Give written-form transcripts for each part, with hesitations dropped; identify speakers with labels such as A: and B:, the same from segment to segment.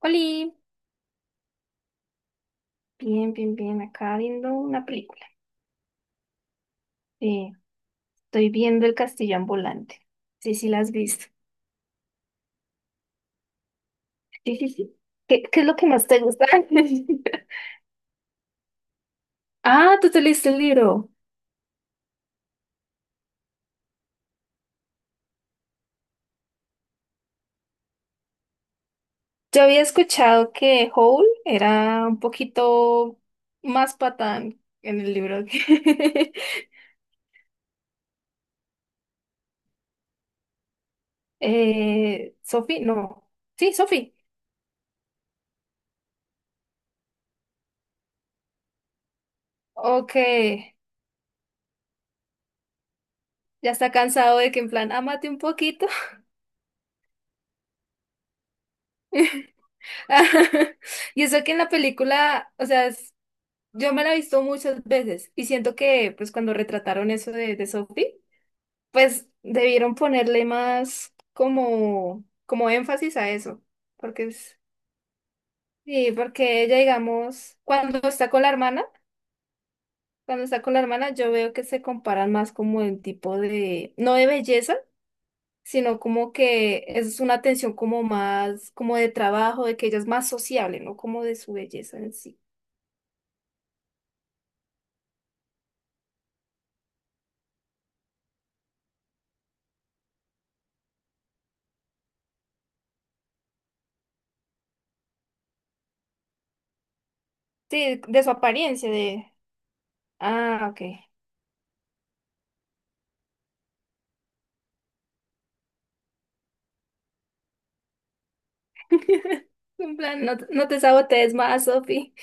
A: Oli, bien, bien, bien, acá viendo una película. Eh, Estoy viendo El Castillo Ambulante. Sí, sí, la has visto. Sí, sí, sí. ¿Qué es lo que más te gusta? Ah, tú te leíste el libro. Yo había escuchado que Hole era un poquito más patán en el libro que Sophie, no. Sí, Sophie. Ok, ya está cansado de que en plan, ámate un poquito. Y eso que en la película, o sea, yo me la he visto muchas veces y siento que pues cuando retrataron eso de Sophie, pues debieron ponerle más como, como énfasis a eso, porque es- sí, porque ella digamos, cuando está con la hermana yo veo que se comparan más como en tipo de, no de belleza, sino como que es una tensión como más, como de trabajo, de que ella es más sociable, no como de su belleza en sí. Sí, de su apariencia, de, ah, ok. En plan, no, te no te sabotees más, Sofi.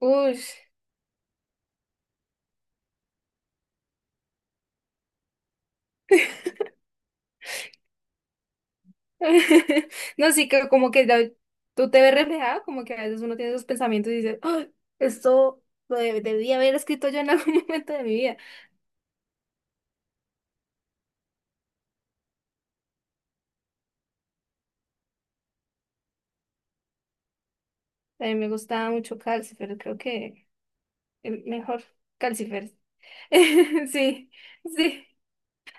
A: Uy. No, sí que como que tú te ves reflejado, como que a veces uno tiene esos pensamientos y dice, "Ay, esto lo debía haber escrito yo en algún momento de mi vida. A mí me gustaba mucho Calcifer, creo que el mejor Calcifer. Sí, sí.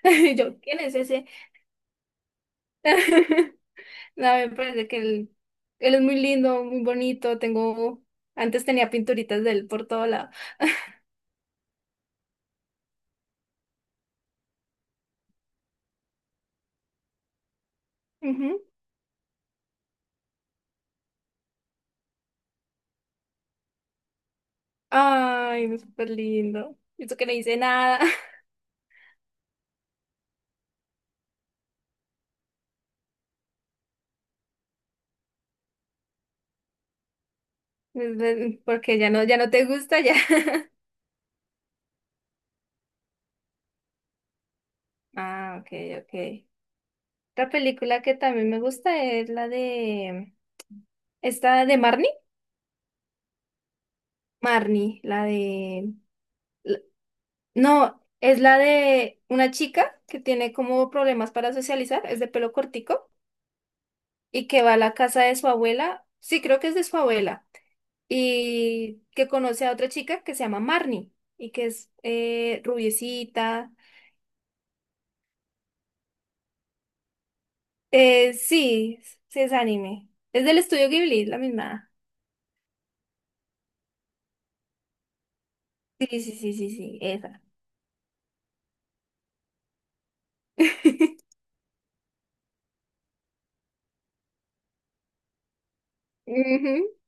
A: Yo, ¿quién es ese? No, me parece que él es muy lindo, muy bonito. Tengo, antes tenía pinturitas de él por todo lado. Ay, no, súper lindo. Eso que no hice nada. Porque ya no, ya no te gusta ya. Ah, ok, ok. Otra película que también me gusta es la de. ¿Esta de Marnie? Marnie, la de. la- No, es la de una chica que tiene como problemas para socializar, es de pelo cortico y que va a la casa de su abuela. Sí, creo que es de su abuela. Y que conoce a otra chica que se llama Marnie y que es rubiecita. Sí, sí es anime. Es del estudio Ghibli, la misma. Sí, sí, sí, sí, sí, esa. Ujú.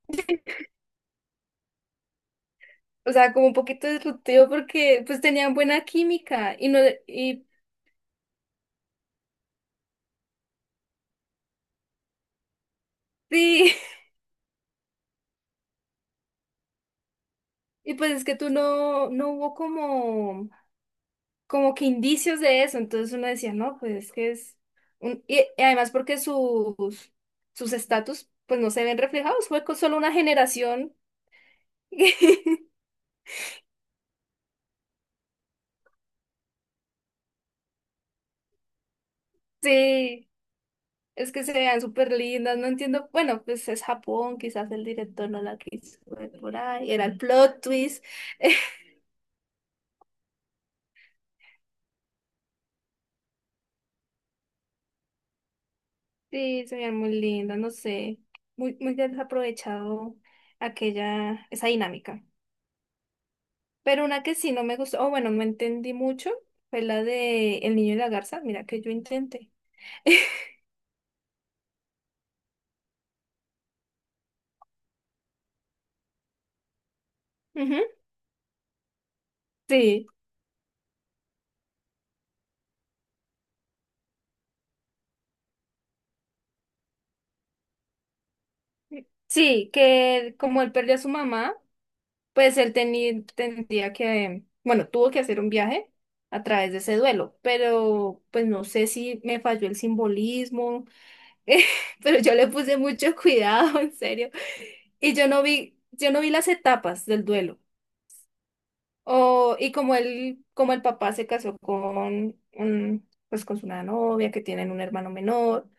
A: O sea, como un poquito disruptivo porque pues tenían buena química y no y sí, y pues es que tú no hubo como como que indicios de eso, entonces uno decía, "No, pues es que es un y además porque sus estatus pues no se ven reflejados, fue con solo una generación. Sí. Es que se vean súper lindas, no entiendo. Bueno, pues es Japón, quizás el director no la quiso ver por ahí. Era el plot twist. Sí, se veían muy lindas, no sé. Muy, muy desaprovechado aquella, esa dinámica. Pero una que sí no me gustó, o bueno, no entendí mucho, fue la de El niño y la garza. Mira que yo intenté. Ujú. Sí, sí, que como él perdió a su mamá. Pues él tenía, tendría que, bueno, tuvo que hacer un viaje a través de ese duelo, pero pues no sé si me falló el simbolismo, eh, pero yo le puse mucho cuidado, en serio, y yo no vi las etapas del duelo. O, y como él, como el papá se casó con un, pues con su una novia que tienen un hermano menor,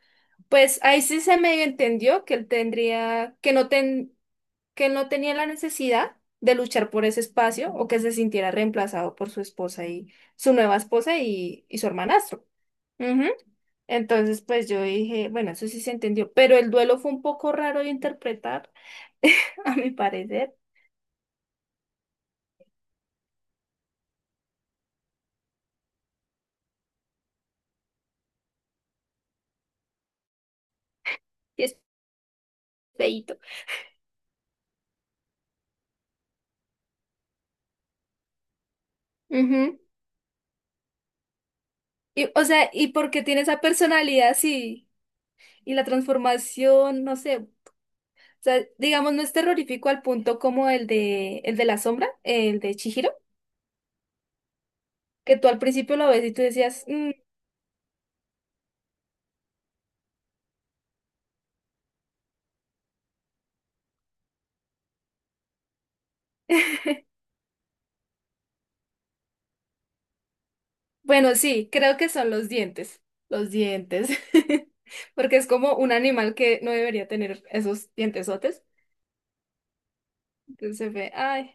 A: pues ahí sí se me entendió que él tendría, que él no tenía la necesidad de luchar por ese espacio o que se sintiera reemplazado por su esposa y su nueva esposa y su hermanastro. Ujú. Entonces, pues yo dije, bueno, eso sí se entendió, pero el duelo fue un poco raro de interpretar, a mi parecer, y es feíto. Ujú. Y, o sea, ¿y porque tiene esa personalidad así? Y la transformación, no sé, o sea, digamos, no es terrorífico al punto como el el de la sombra, el de Chihiro, que tú al principio lo ves y tú decías, "Mm". Bueno, sí, creo que son los dientes, porque es como un animal que no debería tener esos dientesotes. Entonces se ve, ay,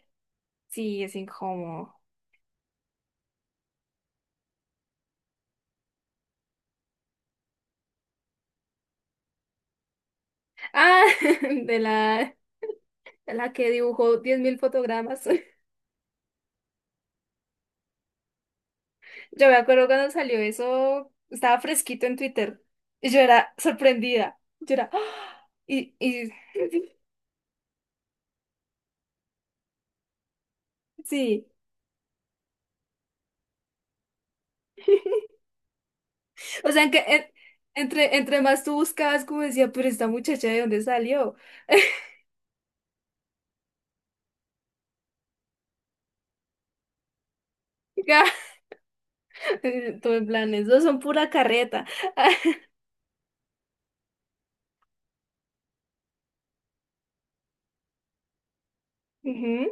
A: sí, es incómodo. Ah, de la, de la que dibujó 10.000 fotogramas. Yo me acuerdo cuando salió eso, estaba fresquito en Twitter y yo era sorprendida. Yo era, ¡ah! Y sí, o sea, entre, entre más tú buscabas, como decía, pero esta muchacha, ¿de dónde salió? Todo en plan, eso son pura carreta. Ujú.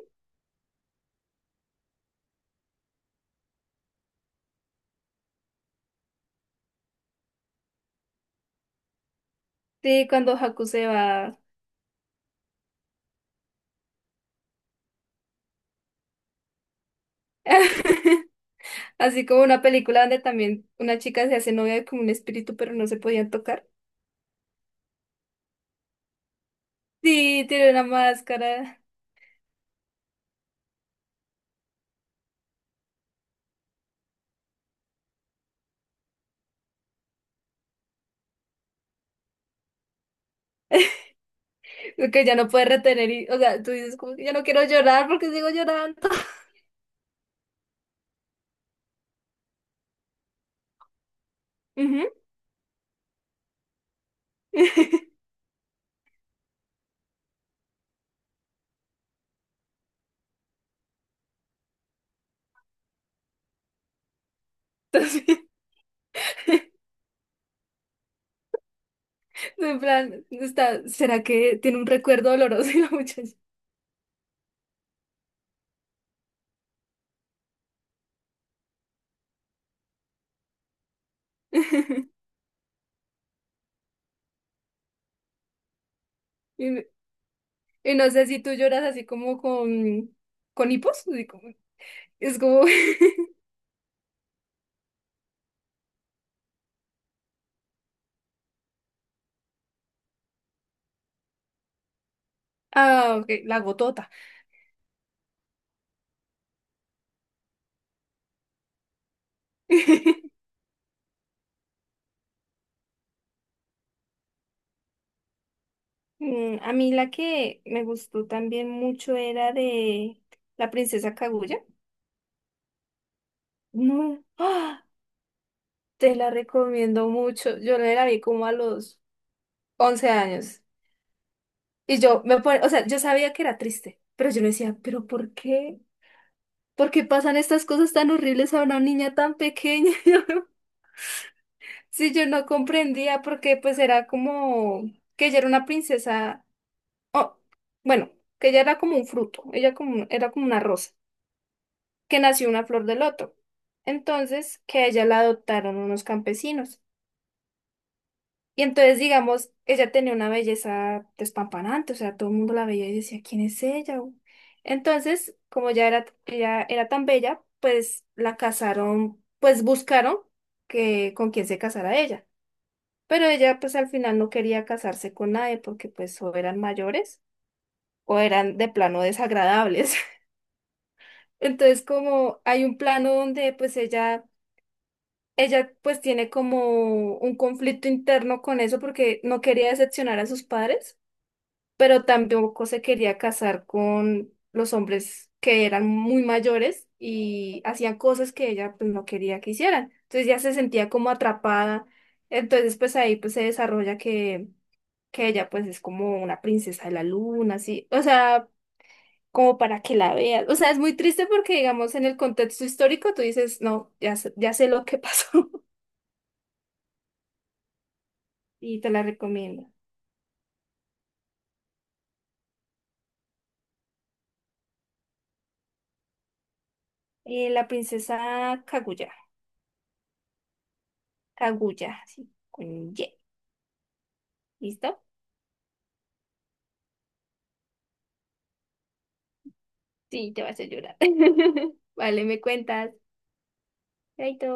A: Sí, cuando Haku se va. Así como una película donde también una chica se hace novia con un espíritu, pero no se podían tocar. Sí, tiene una máscara que ya no puede retener. Y, o sea, tú dices como que ya no quiero llorar porque sigo llorando. Ujú. En plan, está, ¿será que tiene un recuerdo doloroso y la muchacha? Y, y no sé si tú lloras así como con hipos. Así como- es como Ah, ok, la gotota. Mm, a mí la que me gustó también mucho era de La Princesa Kaguya. No, ¡ah! Te la recomiendo mucho. Yo me la vi como a los 11 años. Y yo me pone, o sea, yo sabía que era triste, pero yo me decía, ¿pero por qué? ¿Por qué pasan estas cosas tan horribles a una niña tan pequeña? Si yo no comprendía, porque pues era como que ella era una princesa. Oh, bueno, que ella era como un fruto, ella como, era como una rosa, que nació una flor del otro. Entonces, que a ella la adoptaron unos campesinos. Y entonces, digamos, ella tenía una belleza despampanante, o sea, todo el mundo la veía y decía, ¿quién es ella?". U?". Entonces, como ya era, ella era tan bella, pues la casaron, pues buscaron que con quién se casara ella. Pero ella, pues al final no quería casarse con nadie porque pues o eran mayores o eran de plano desagradables. Entonces, como hay un plano donde pues ella pues tiene como un conflicto interno con eso porque no quería decepcionar a sus padres, pero tampoco se quería casar con los hombres que eran muy mayores y hacían cosas que ella pues no quería que hicieran. Entonces ya se sentía como atrapada. Entonces, pues ahí pues se desarrolla que ella pues es como una princesa de la luna, así. O sea, como para que la veas. O sea, es muy triste porque, digamos, en el contexto histórico tú dices, no, ya sé lo que pasó y te la recomiendo. La princesa Kaguya. Kaguya, sí, con Y. ¿Listo? Sí, te vas a hacer llorar. Vale, me cuentas. Chaito.